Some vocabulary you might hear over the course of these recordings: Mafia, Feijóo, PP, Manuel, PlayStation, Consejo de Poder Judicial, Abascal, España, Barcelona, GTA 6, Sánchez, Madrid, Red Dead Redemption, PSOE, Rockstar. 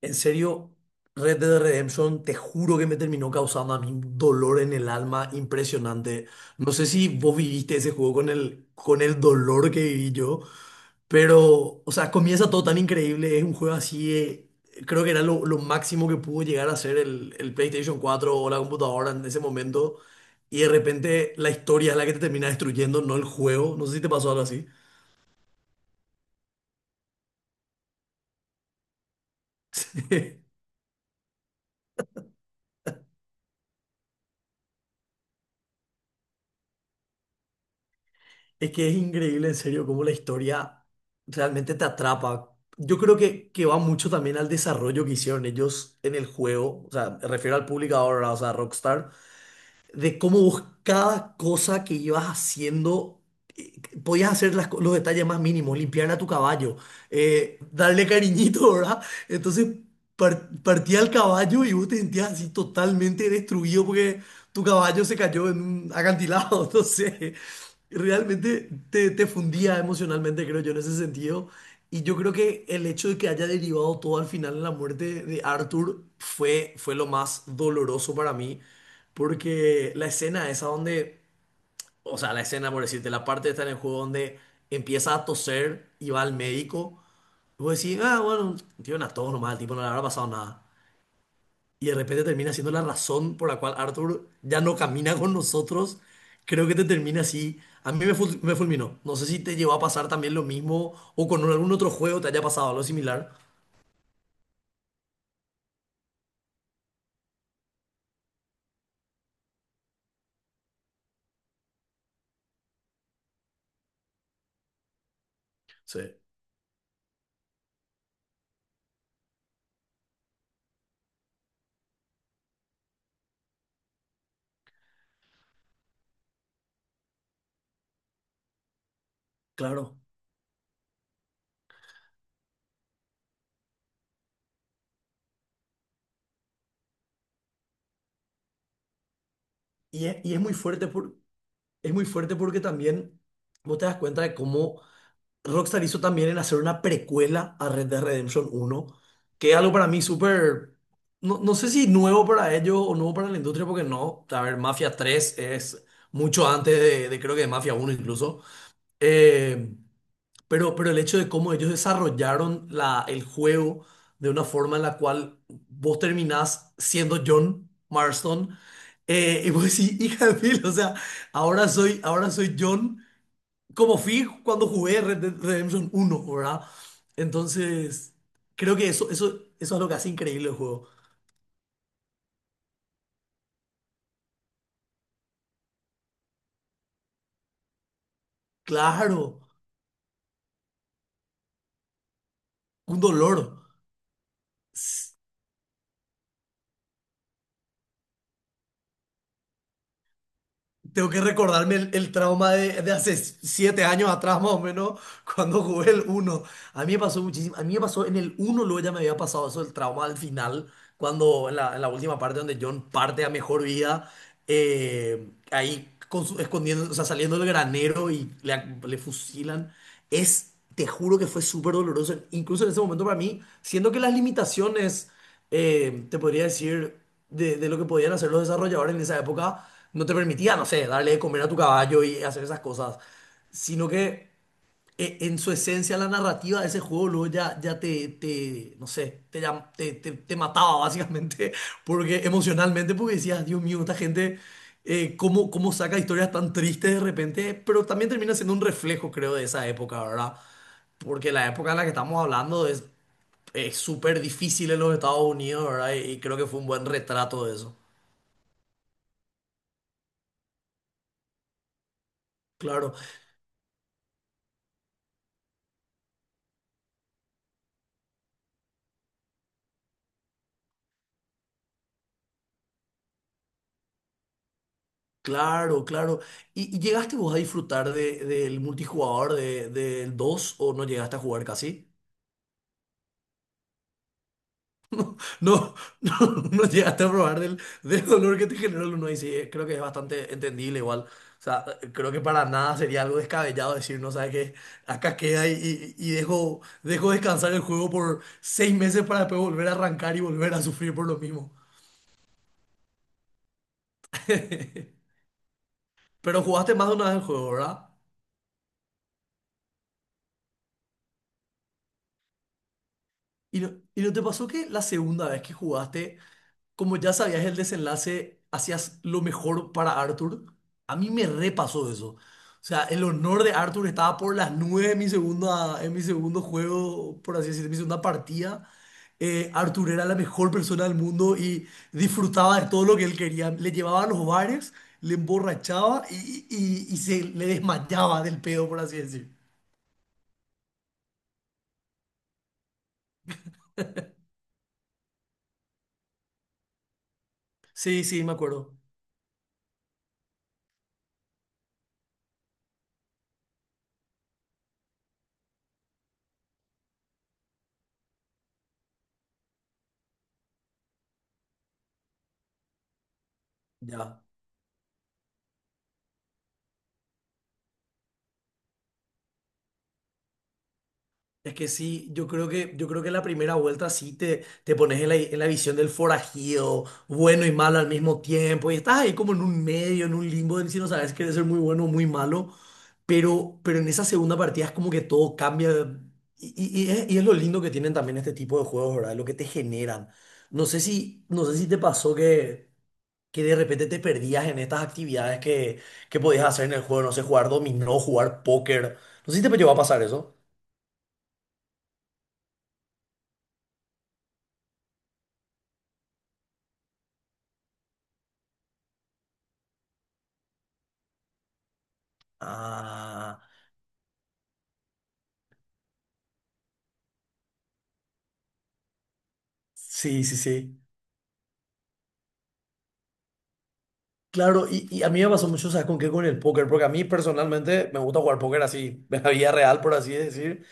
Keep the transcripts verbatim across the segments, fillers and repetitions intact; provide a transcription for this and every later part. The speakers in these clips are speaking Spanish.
En serio, Red Dead Redemption, te juro que me terminó causando a mí un dolor en el alma impresionante. No sé si vos viviste ese juego con el, con el dolor que viví yo, pero, o sea, comienza todo tan increíble. Es un juego así, eh, creo que era lo, lo máximo que pudo llegar a ser el, el PlayStation cuatro o la computadora en ese momento. Y de repente la historia es la que te termina destruyendo, no el juego. No sé si te pasó algo así. Es que es increíble, en serio, cómo la historia realmente te atrapa. Yo creo que, que va mucho también al desarrollo que hicieron ellos en el juego. O sea, me refiero al publicador, o sea, Rockstar, de cómo vos cada cosa que ibas haciendo, eh, podías hacer las co- los detalles más mínimos, limpiar a tu caballo, eh, darle cariñito, ¿verdad? Entonces par- partía el caballo y vos te sentías así totalmente destruido porque tu caballo se cayó en un acantilado, entonces realmente te, te fundía emocionalmente, creo yo, en ese sentido. Y yo creo que el hecho de que haya derivado todo al final en la muerte de Arthur fue, fue lo más doloroso para mí. Porque la escena esa donde, o sea, la escena, por decirte, la parte está en el juego donde empieza a toser y va al médico. Y vos decís, ah, bueno, tiene una tos nomás, al tipo no le habrá pasado nada. Y de repente termina siendo la razón por la cual Arthur ya no camina con nosotros. Creo que te termina así. A mí me, ful- me fulminó. No sé si te llegó a pasar también lo mismo o con algún otro juego te haya pasado algo similar. Sí, claro. Y es, y es muy fuerte por, es muy fuerte porque también vos te das cuenta de cómo Rockstar hizo también en hacer una precuela a Red Dead Redemption uno, que es algo para mí súper, no, no sé si nuevo para ellos o nuevo para la industria, porque no, a ver, Mafia tres es mucho antes de, de creo que de Mafia uno incluso. Eh, pero, pero el hecho de cómo ellos desarrollaron la, el juego de una forma en la cual vos terminás siendo John Marston, eh, y vos decís, hija de mil, o sea, ahora soy, ahora soy John como fui cuando jugué Red Dead Redemption uno, ¿verdad? Entonces, creo que eso, eso, eso es lo que hace increíble el juego. Claro, un dolor. Tengo que recordarme el, el trauma de, de hace siete años atrás, más o menos, cuando jugué el uno. A mí me pasó muchísimo. A mí me pasó en el uno, luego ya me había pasado eso, el trauma al final, cuando en la, en la última parte donde John parte a mejor vida, eh, ahí con su- escondiendo, o sea, saliendo del granero y le, ac- le fusilan. Es, te juro que fue súper doloroso. Incluso en ese momento para mí, siendo que las limitaciones, eh, te podría decir, de, de lo que podían hacer los desarrolladores en esa época, no te permitía, no sé, darle de comer a tu caballo y hacer esas cosas, sino que, eh, en su esencia la narrativa de ese juego, luego ya, ya te, te, no sé, te, llam- te, te- te mataba básicamente, porque emocionalmente, porque decías, Dios mío, esta gente. Eh, cómo, cómo saca historias tan tristes de repente, pero también termina siendo un reflejo, creo, de esa época, ¿verdad? Porque la época en la que estamos hablando es es súper difícil en los Estados Unidos, ¿verdad? Y, y creo que fue un buen retrato de eso. Claro, claro, claro. ¿Y, y llegaste vos a disfrutar de- del multijugador de- del dos o no llegaste a jugar casi? No, no, no llegaste a probar del, del dolor que te generó el uno, y sí, eh, creo que es bastante entendible igual. O sea, creo que para nada sería algo descabellado decir, no sabes qué, acá queda, y, y- y dejo, dejo descansar el juego por seis meses para después volver a arrancar y volver a sufrir por lo mismo. Pero jugaste más de una vez el juego, ¿verdad? ¿Y no, y no te pasó que la segunda vez que jugaste, como ya sabías el desenlace, hacías lo mejor para Arthur? A mí me repasó eso. O sea, el honor de Arthur estaba por las nubes en mi segunda, en mi segundo juego, por así decirlo, en mi segunda partida. Eh, Arthur era la mejor persona del mundo y disfrutaba de todo lo que él quería. Le llevaba a los bares, le emborrachaba y, y y se le desmayaba del pedo, por así decir. Sí, sí, me acuerdo. Ya. Es que sí, yo creo que, yo creo que la primera vuelta sí te, te pones en la, en la visión del forajido, bueno y malo al mismo tiempo, y estás ahí como en un medio, en un limbo, de si no sabes, quieres ser muy bueno o muy malo, pero, pero en esa segunda partida es como que todo cambia, y, y- y es, y es lo lindo que tienen también este tipo de juegos, ¿verdad? Lo que te generan. No sé si, no sé si te pasó que, que de repente te perdías en estas actividades que, que podías hacer en el juego, no sé, jugar dominó, jugar póker, no sé si te llegó a pasar eso. Ah. Sí, sí, sí. Claro, y, y a mí me pasó mucho, ¿sabes con qué? Con el póker, porque a mí personalmente me gusta jugar póker así, de la vida real, por así decir.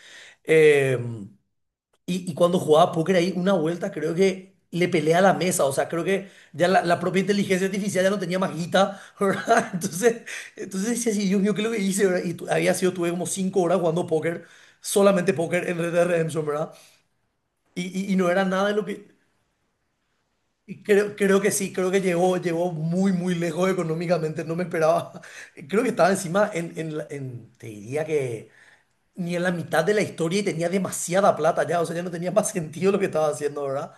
Eh, y, y cuando jugaba póker ahí, una vuelta creo que le peleé a la mesa, o sea, creo que ya la, la propia inteligencia artificial ya no tenía más guita, ¿verdad? Entonces, entonces decía así, Dios mío, ¿qué es lo que hice? ¿Verdad? Y tu- había sido, tuve como cinco horas jugando póker, solamente póker en Red Dead Redemption, ¿verdad? Y, y, y no era nada de lo que... Y Creo, creo que sí, creo que llegó, llegó muy, muy lejos económicamente, no me esperaba. Creo que estaba encima en, en, la- en- te diría que ni en la mitad de la historia y tenía demasiada plata ya, o sea, ya no tenía más sentido lo que estaba haciendo, ¿verdad?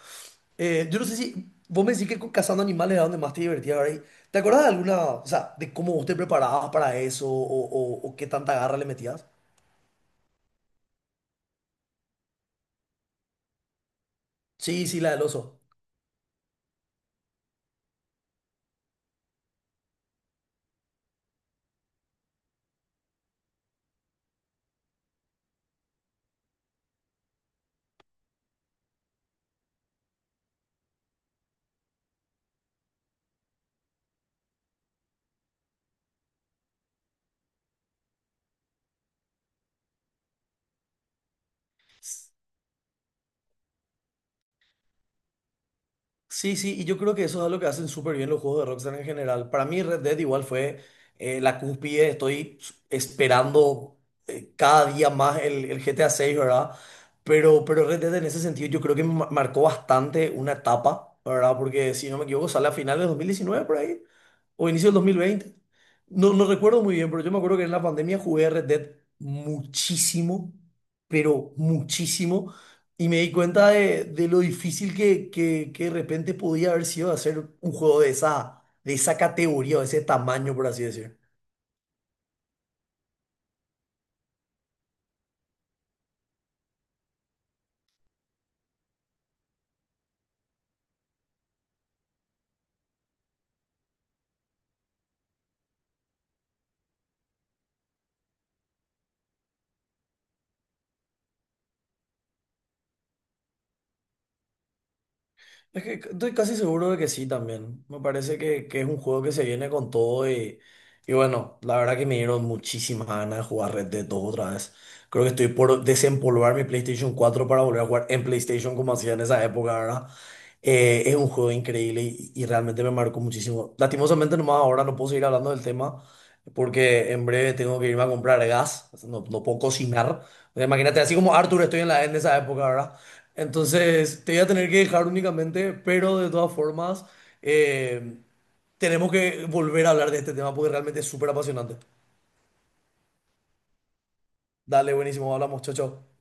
Eh, yo no sé si vos me decís que con- cazando animales era donde más te divertías, ¿verdad? Y ¿te acordás de alguna, o sea, de cómo vos te preparabas para eso, o, o o qué tanta garra le metías? Sí, sí, la del oso. Sí, sí, y yo creo que eso es algo que hacen súper bien los juegos de Rockstar en general. Para mí Red Dead igual fue, eh, la cúspide. Estoy s- esperando, eh, cada día más, el, el G T A seis, ¿verdad? Pero, pero Red Dead en ese sentido yo creo que ma- marcó bastante una etapa, ¿verdad? Porque si no me equivoco sale a finales de dos mil diecinueve por ahí o inicio del dos mil veinte. No, no recuerdo muy bien, pero yo me acuerdo que en la pandemia jugué Red Dead muchísimo, pero muchísimo. Y me di cuenta de, de lo difícil que, que, que de repente podía haber sido hacer un juego de esa, de esa categoría, o de ese tamaño, por así decir. Es que estoy casi seguro de que sí también. Me parece que, que es un juego que se viene con todo, y, y bueno, la verdad que me dieron muchísimas ganas de jugar Red Dead dos otra vez. Creo que estoy por desempolvar mi PlayStation cuatro para volver a jugar en PlayStation como hacía en esa época, ¿verdad? Eh, es un juego increíble, y, y realmente me marcó muchísimo. Lastimosamente nomás ahora no puedo seguir hablando del tema porque en breve tengo que irme a comprar gas, no, no puedo cocinar. Imagínate, así como Arthur estoy en la, en esa época, ¿verdad? Entonces, te voy a tener que dejar únicamente, pero de todas formas, eh, tenemos que volver a hablar de este tema porque realmente es súper apasionante. Dale, buenísimo, hablamos, chao, chao.